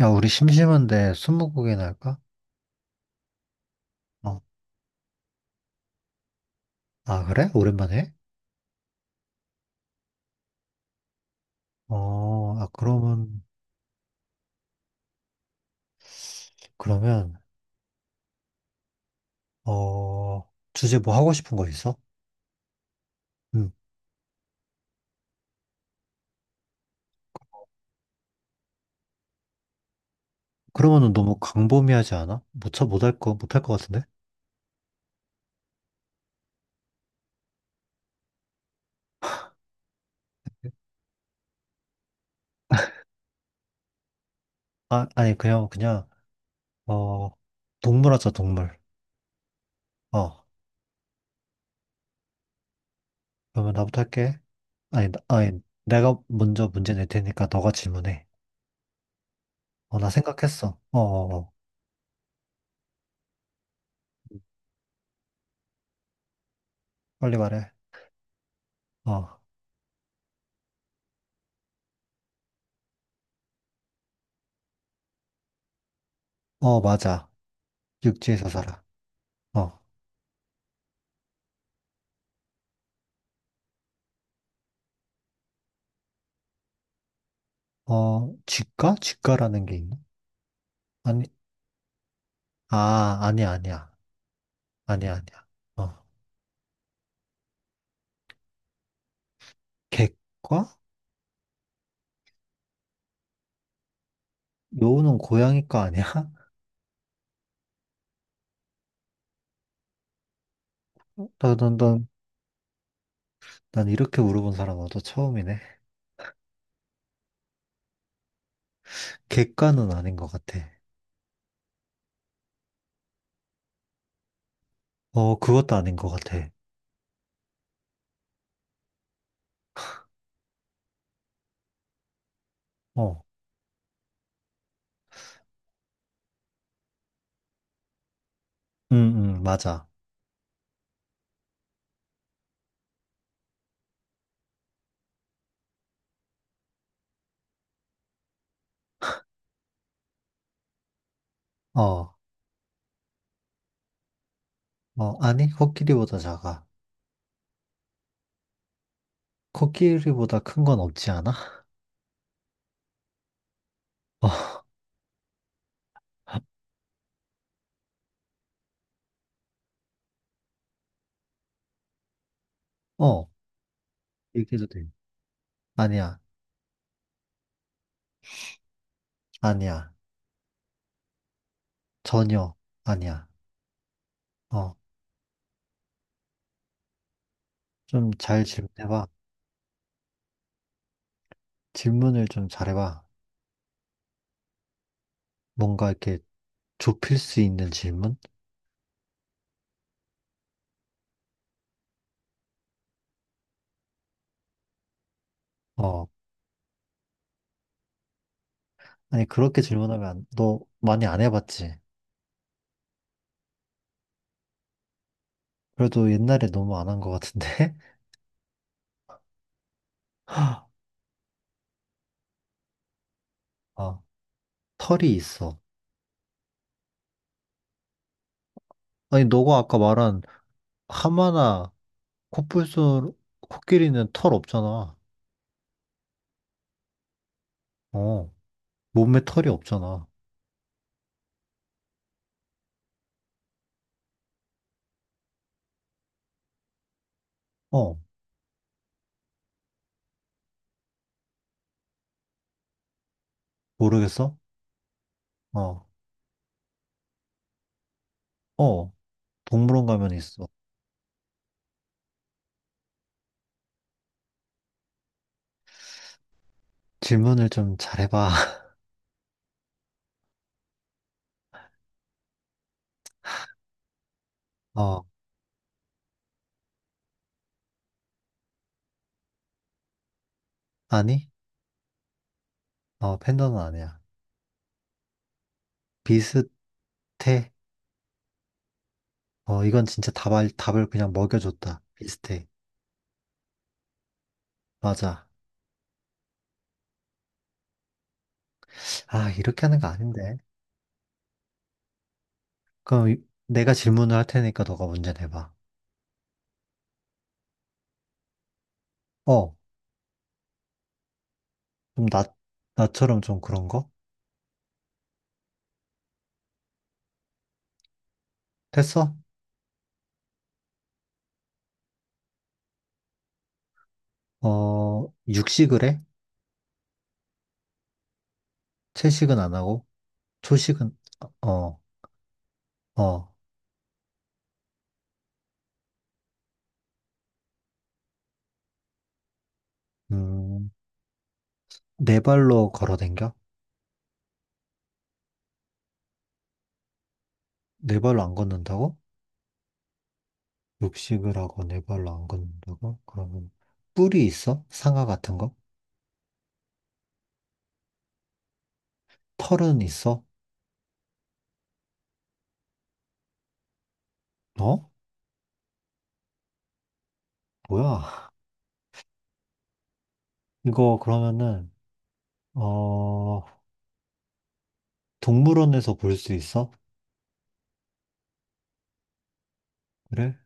야, 우리 심심한데 스무고개나 할까? 어. 아, 그래? 오랜만에? 어, 아, 그러면, 어, 주제 뭐 하고 싶은 거 있어? 응. 그러면은 너무 광범위하지 않아? 못, 쳐, 못할 거, 못할 것 같은데? 아, 아니, 그냥, 어, 동물 하자, 동물. 어, 그러면 나부터 할게. 아니, 나- 아니, 내가 먼저 문제 낼 테니까 너가 질문해. 어, 나 생각했어. 어, 어, 어. 빨리 말해. 어, 어, 맞아. 육지에서 살아. 어. 어, 직가? 직가라는 게 있나? 아니, 아, 아니야, 아니야. 아니야, 아니야. 어, 객과? 요는 고양이과 아니야? 난, 난, 난, 난 이렇게 물어본 사람 나도 처음이네. 객과는 아닌 것 같아. 어, 그것도 아닌 것 같아. 어, 응, 응, 맞아. 어, 어, 아니, 코끼리보다 작아. 코끼리보다 큰 건 없지 않아? 어, 어, 얘기해도 돼. 아니야, 아니야. 전혀, 아니야. 어, 좀 잘 질문해봐. 질문을 좀 잘해봐. 뭔가 이렇게 좁힐 수 있는 질문? 어, 아니, 그렇게 질문하면 안- 너 많이 안 해봤지? 그래도 옛날에 너무 안 한 것 같은데? 어, 털이 있어. 아니, 너가 아까 말한 하마나 코뿔소, 코끼리는 털 없잖아. 어, 몸에 털이 없잖아. 어, 모르겠어? 어, 어, 동물원 가면 있어. 질문을 좀 잘해봐. 어, 아니? 어, 팬더는 아니야. 비슷해. 어, 이건 진짜 답을, 답을 그냥 먹여줬다. 비슷해. 맞아. 아, 이렇게 하는 거 아닌데. 내가 질문을 할 테니까 너가 문제 내봐. 어, 좀 나, 나처럼 좀 그런 거? 됐어? 어, 육식을 해? 채식은 안 하고? 초식은, 어, 어, 음, 네 발로 걸어 댕겨? 네 발로 안 걷는다고? 육식을 하고 네 발로 안 걷는다고? 그러면 뿔이 있어? 상아 같은 거? 털은 있어? 어? 뭐야? 이거 그러면은 어, 동물원에서 볼 수 있어? 그래?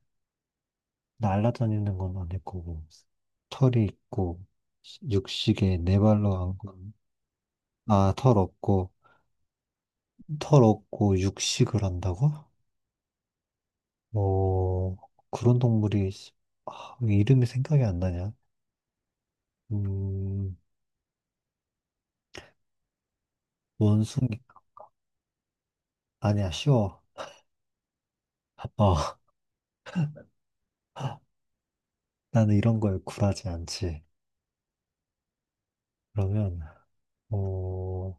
날아다니는 건 아닐 거고, 털이 있고, 육식에 네 발로 한 건, 아, 털 없고 육식을 한다고? 어, 그런 동물이, 아, 왜 이름이 생각이 안 나냐? 음, 원숭이, 아니야, 쉬워. 어, 나는 이런 거에 굴하지 않지. 그러면, 어,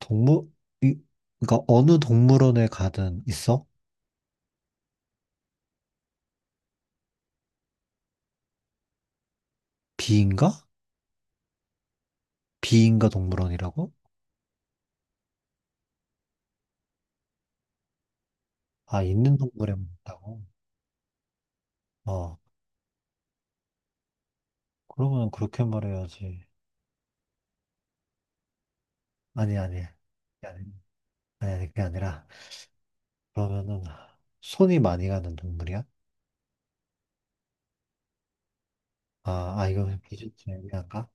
동물, 이, 그러니까 어느 동물원에 가든 있어? 비인가? 비인가 동물원이라고? 아, 있는 동물에 이라다고 어, 그러면 그렇게 말해야지. 아니, 아니. 아니, 아니, 그게 아니라, 그러면은, 손이 많이 가는 동물이야? 아, 아, 이거 기준 좀 애매한가?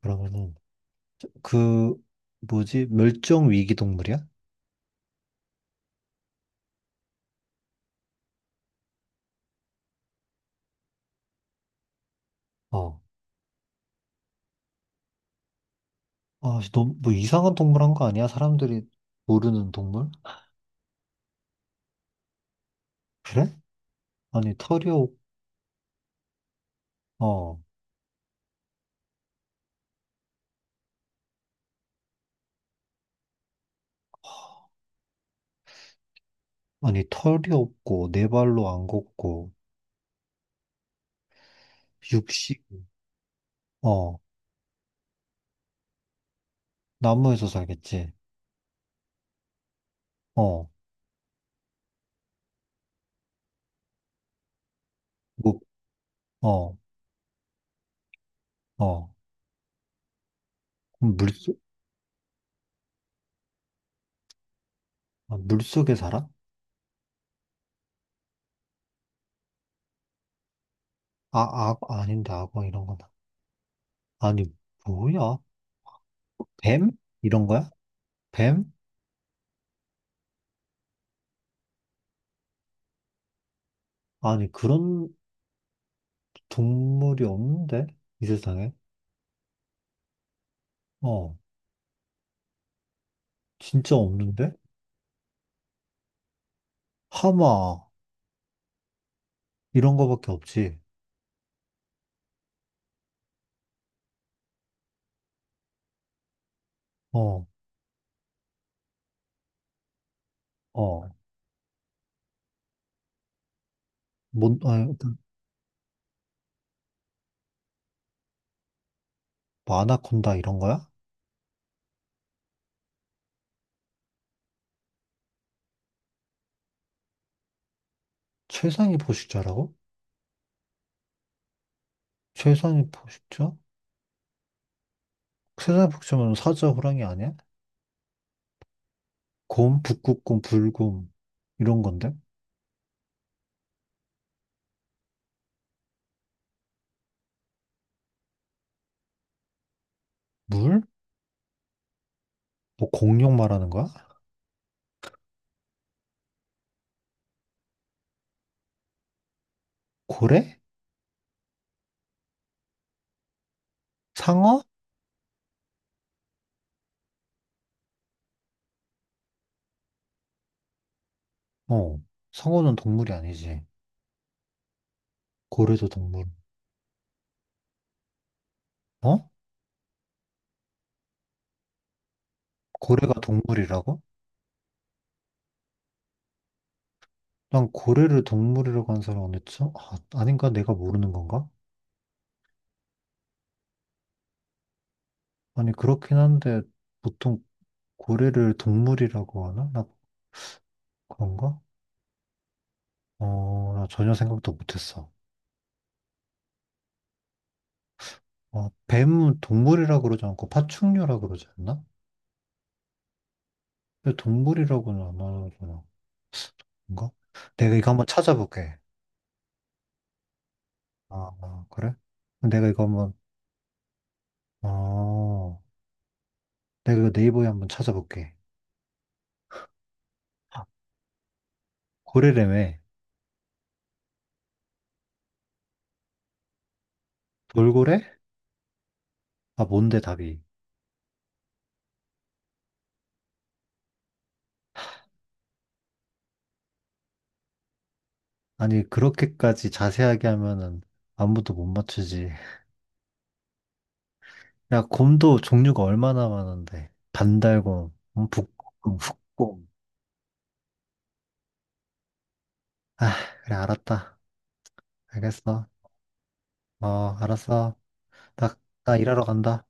그러면은, 저- 그, 뭐지? 멸종 위기 동물이야? 어. 아, 너무, 뭐 이상한 동물 한 거 아니야? 사람들이 모르는 동물? 그래? 아니, 털이 없, 어. 아니, 털이 없고, 네 발로 안 걷고, 육식, 어. 나무에서 살겠지. 어, 뭐, 어, 어. 그럼 물속, 아, 물속에 살아? 아, 아, 아닌데, 악어 이런 거 아니, 뭐야? 뱀? 이런 거야? 뱀? 아니, 그런 동물이 없는데? 이 세상에? 어, 진짜 없는데? 하마, 이런 거밖에 없지. 어, 어. 뭔, 아니, 그 아나콘다 이런 거야? 최상위 포식자라고? 최상위 포식자? 최상위 포식자면 사자, 호랑이 아니야? 곰, 북극곰, 불곰 이런 건데? 물? 뭐 공룡 말하는 거야? 고래? 상어? 어, 상어는 동물이 아니지. 고래도 동물. 어? 고래가 동물이라고? 난 고래를 동물이라고 한 사람 어딨죠? 아, 아닌가? 내가 모르는 건가? 아니, 그렇긴 한데 보통 고래를 동물이라고 하나? 나 그런가? 어, 나 전혀 생각도 못했어. 어, 뱀은 동물이라고 그러지 않고 파충류라고 그러지 않나? 왜 동물이라고는 안 하잖아. 뭔가? 내가 이거 한번 찾아볼게. 아, 아, 그래? 그럼 내가 이거 한번, 어, 내가 이거 네이버에 한번 찾아볼게. 고래래며. 돌고래? 아, 뭔데 답이? 아니, 그렇게까지 자세하게 하면은 아무도 못 맞추지. 야, 곰도 종류가 얼마나 많은데. 반달곰, 북곰, 흑곰. 아, 그래, 알았다. 알겠어. 어, 알았어. 나, 나 일하러 간다.